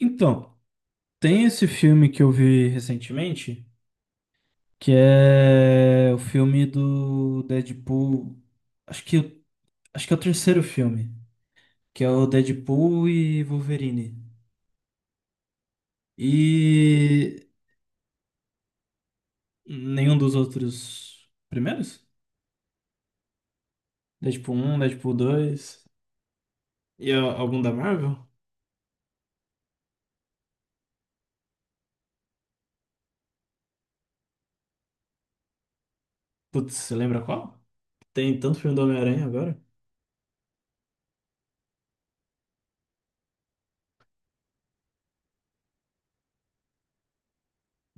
Então, tem esse filme que eu vi recentemente, que é o filme do Deadpool. Acho que, acho que é o terceiro filme, que é o Deadpool e Wolverine. E nenhum dos outros primeiros? Deadpool um, Deadpool dois e algum da Marvel? Putz, você lembra qual? Tem tanto filme do Homem-Aranha agora.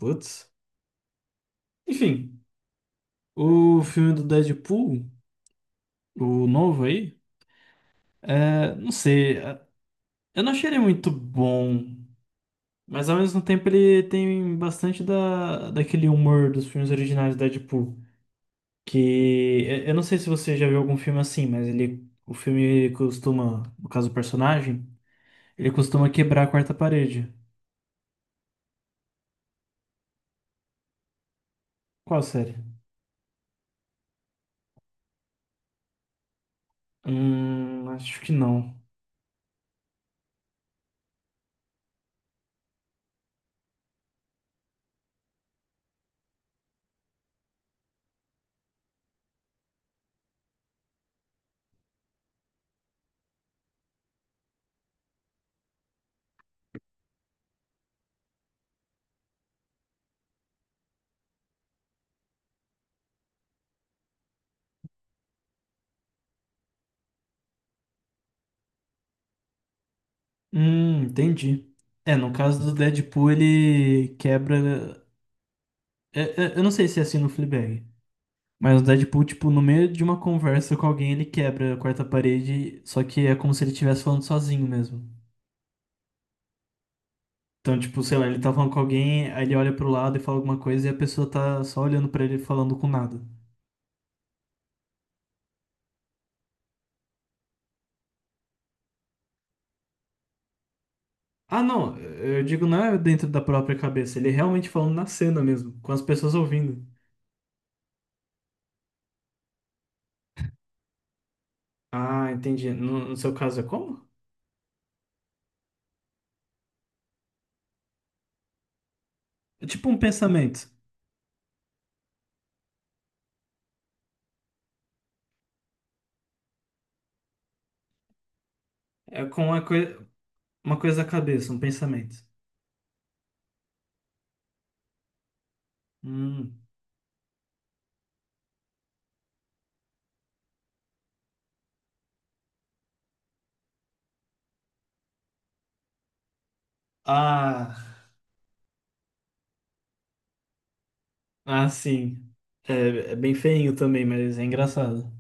Putz. Enfim, o filme do Deadpool, o novo aí, não sei. Eu não achei ele muito bom, mas ao mesmo tempo ele tem bastante daquele humor dos filmes originais da Deadpool. Que eu não sei se você já viu algum filme assim, mas ele, o filme costuma, no caso do personagem, ele costuma quebrar a quarta parede. Qual série? Acho que não. Entendi. É, no caso do Deadpool ele quebra. é- Eu não sei se é assim no Fleabag. Mas o Deadpool, tipo, no meio de uma conversa com alguém, ele quebra a quarta parede, só que é como se ele estivesse falando sozinho mesmo. Então, tipo, sei lá, ele tá falando com alguém, aí ele olha pro lado e fala alguma coisa e a pessoa tá só olhando pra ele falando com nada. Ah, não, eu digo não é dentro da própria cabeça, ele é realmente falando na cena mesmo, com as pessoas ouvindo. Ah, entendi. No seu caso é como? É tipo um pensamento. É com uma coisa da cabeça, um pensamento. Hum. Ah. Ah, sim. É, é bem feinho também, mas é engraçado.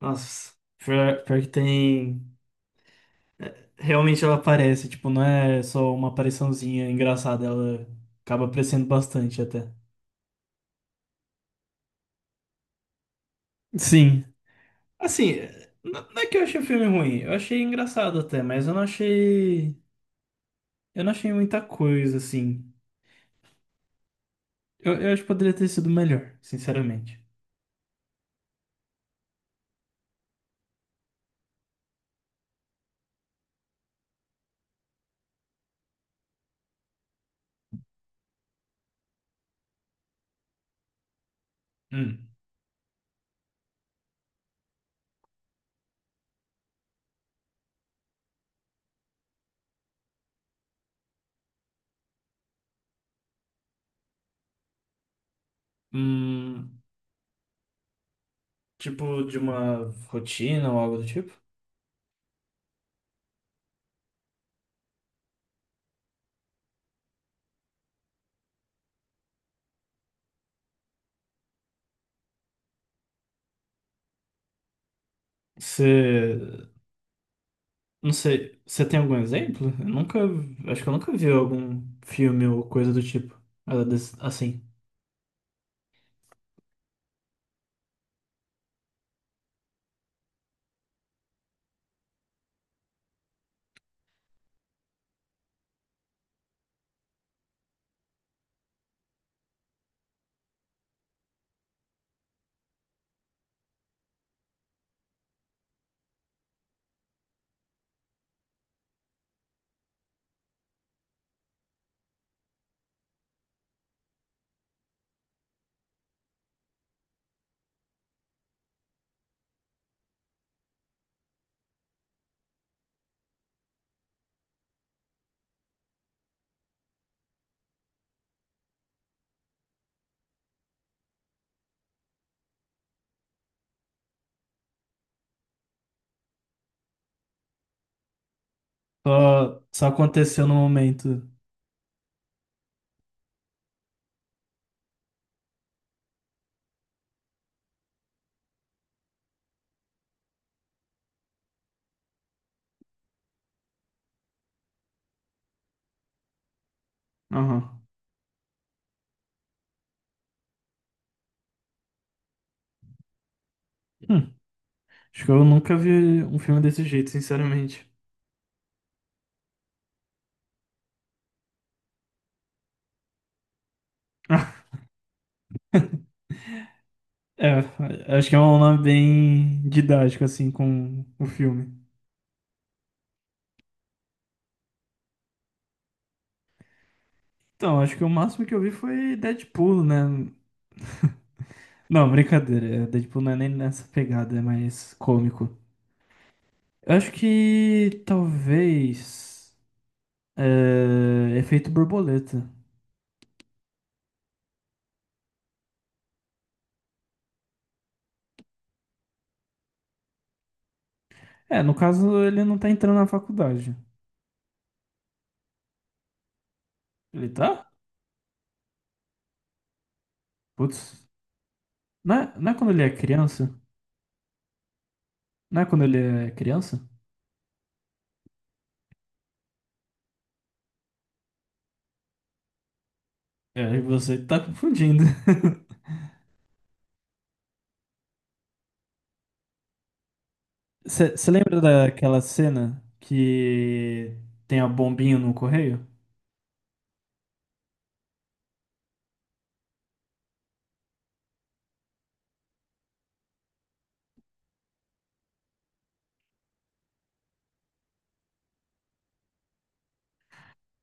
Nossa, pior que tem. Realmente ela aparece, tipo, não é só uma apariçãozinha engraçada, ela acaba aparecendo bastante até. Sim. Assim, não, não é que eu achei o filme ruim, eu achei engraçado até, mas eu não achei. Eu não achei muita coisa, assim. Eu acho que poderia ter sido melhor, sinceramente. Hum. Hum, tipo, de uma rotina ou algo do tipo? Você. Não sei, você tem algum exemplo? Eu nunca, acho que eu nunca vi algum filme ou coisa do tipo. Assim, só, só aconteceu no momento. Aham. Hum, acho que eu nunca vi um filme desse jeito, sinceramente. É, acho que é um nome bem didático, assim, com o filme. Então, acho que o máximo que eu vi foi Deadpool, né? Não, brincadeira. É, Deadpool não é nem nessa pegada, é mais cômico. Eu acho que talvez. É, Efeito Borboleta. É, no caso, ele não tá entrando na faculdade. Ele tá? Putz. Não é quando ele é criança? Não é quando ele é criança? É, você tá confundindo. Você lembra daquela cena que tem a bombinha no correio?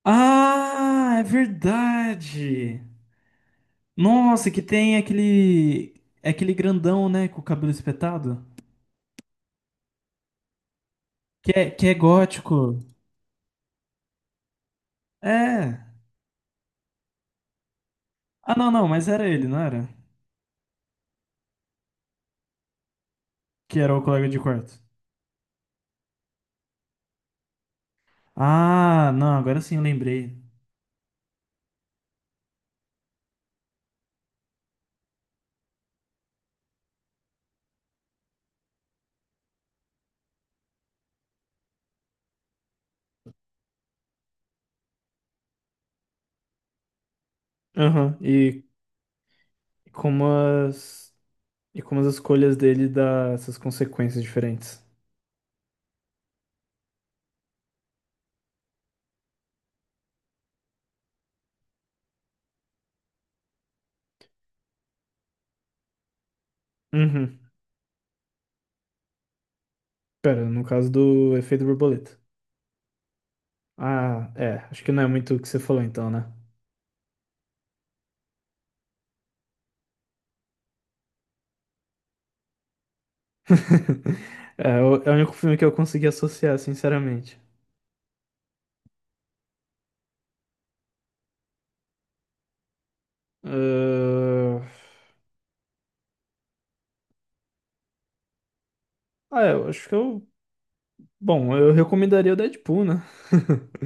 Ah, é verdade! Nossa, que tem aquele grandão, né, com o cabelo espetado, que é gótico. É. Ah, não, não, mas era ele, não era? Que era o colega de quarto. Ah, não, agora sim eu lembrei. Aham. E como as. E como as escolhas dele dá essas consequências diferentes. Uhum. Pera, no caso do Efeito Borboleta. Ah, é. Acho que não é muito o que você falou então, né? É, é o único filme que eu consegui associar, sinceramente. Ah, Ah, é, eu acho que eu. Bom, eu recomendaria o Deadpool, né?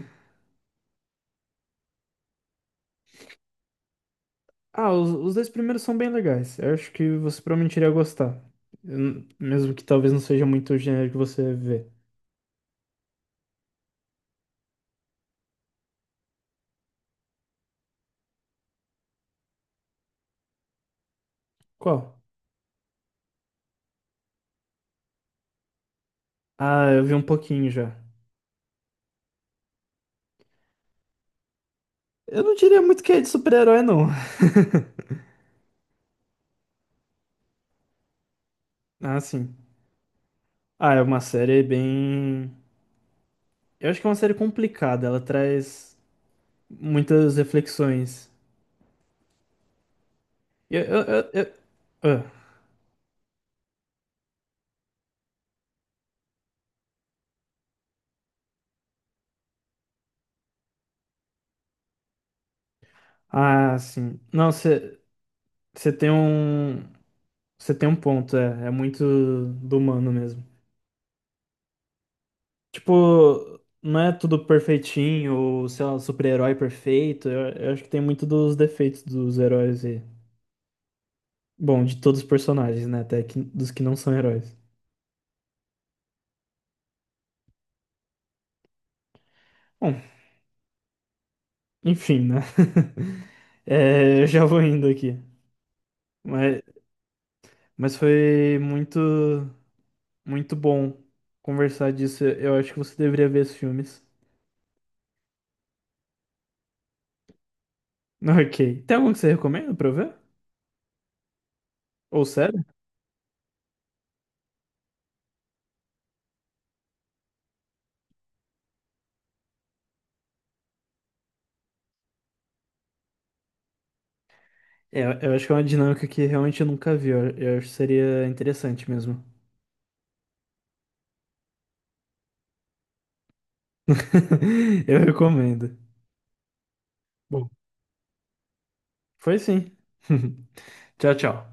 Ah, os dois primeiros são bem legais. Eu acho que você provavelmente iria gostar. Eu mesmo que talvez não seja muito o gênero que você vê. Qual? Ah, eu vi um pouquinho já. Eu não diria muito que é de super-herói, não. Ah, sim. Ah, é uma série bem. Eu acho que é uma série complicada. Ela traz muitas reflexões. Eu, eu, eu, eu- Ah, Ah, sim. Não, você tem um. Você tem um ponto, é. É muito do humano mesmo. Tipo, não é tudo perfeitinho, ou sei lá, super-herói perfeito. Eu acho que tem muito dos defeitos dos heróis e. Bom, de todos os personagens, né? Até que, dos que não são heróis. Bom, enfim, né? É, eu já vou indo aqui. Mas, mas foi muito bom conversar disso. Eu acho que você deveria ver esses filmes. Ok. Tem algum que você recomenda pra eu ver? Ou sério? É, eu acho que é uma dinâmica que realmente eu nunca vi. Eu acho que seria interessante mesmo. Eu recomendo. Bom, foi sim. Tchau, tchau.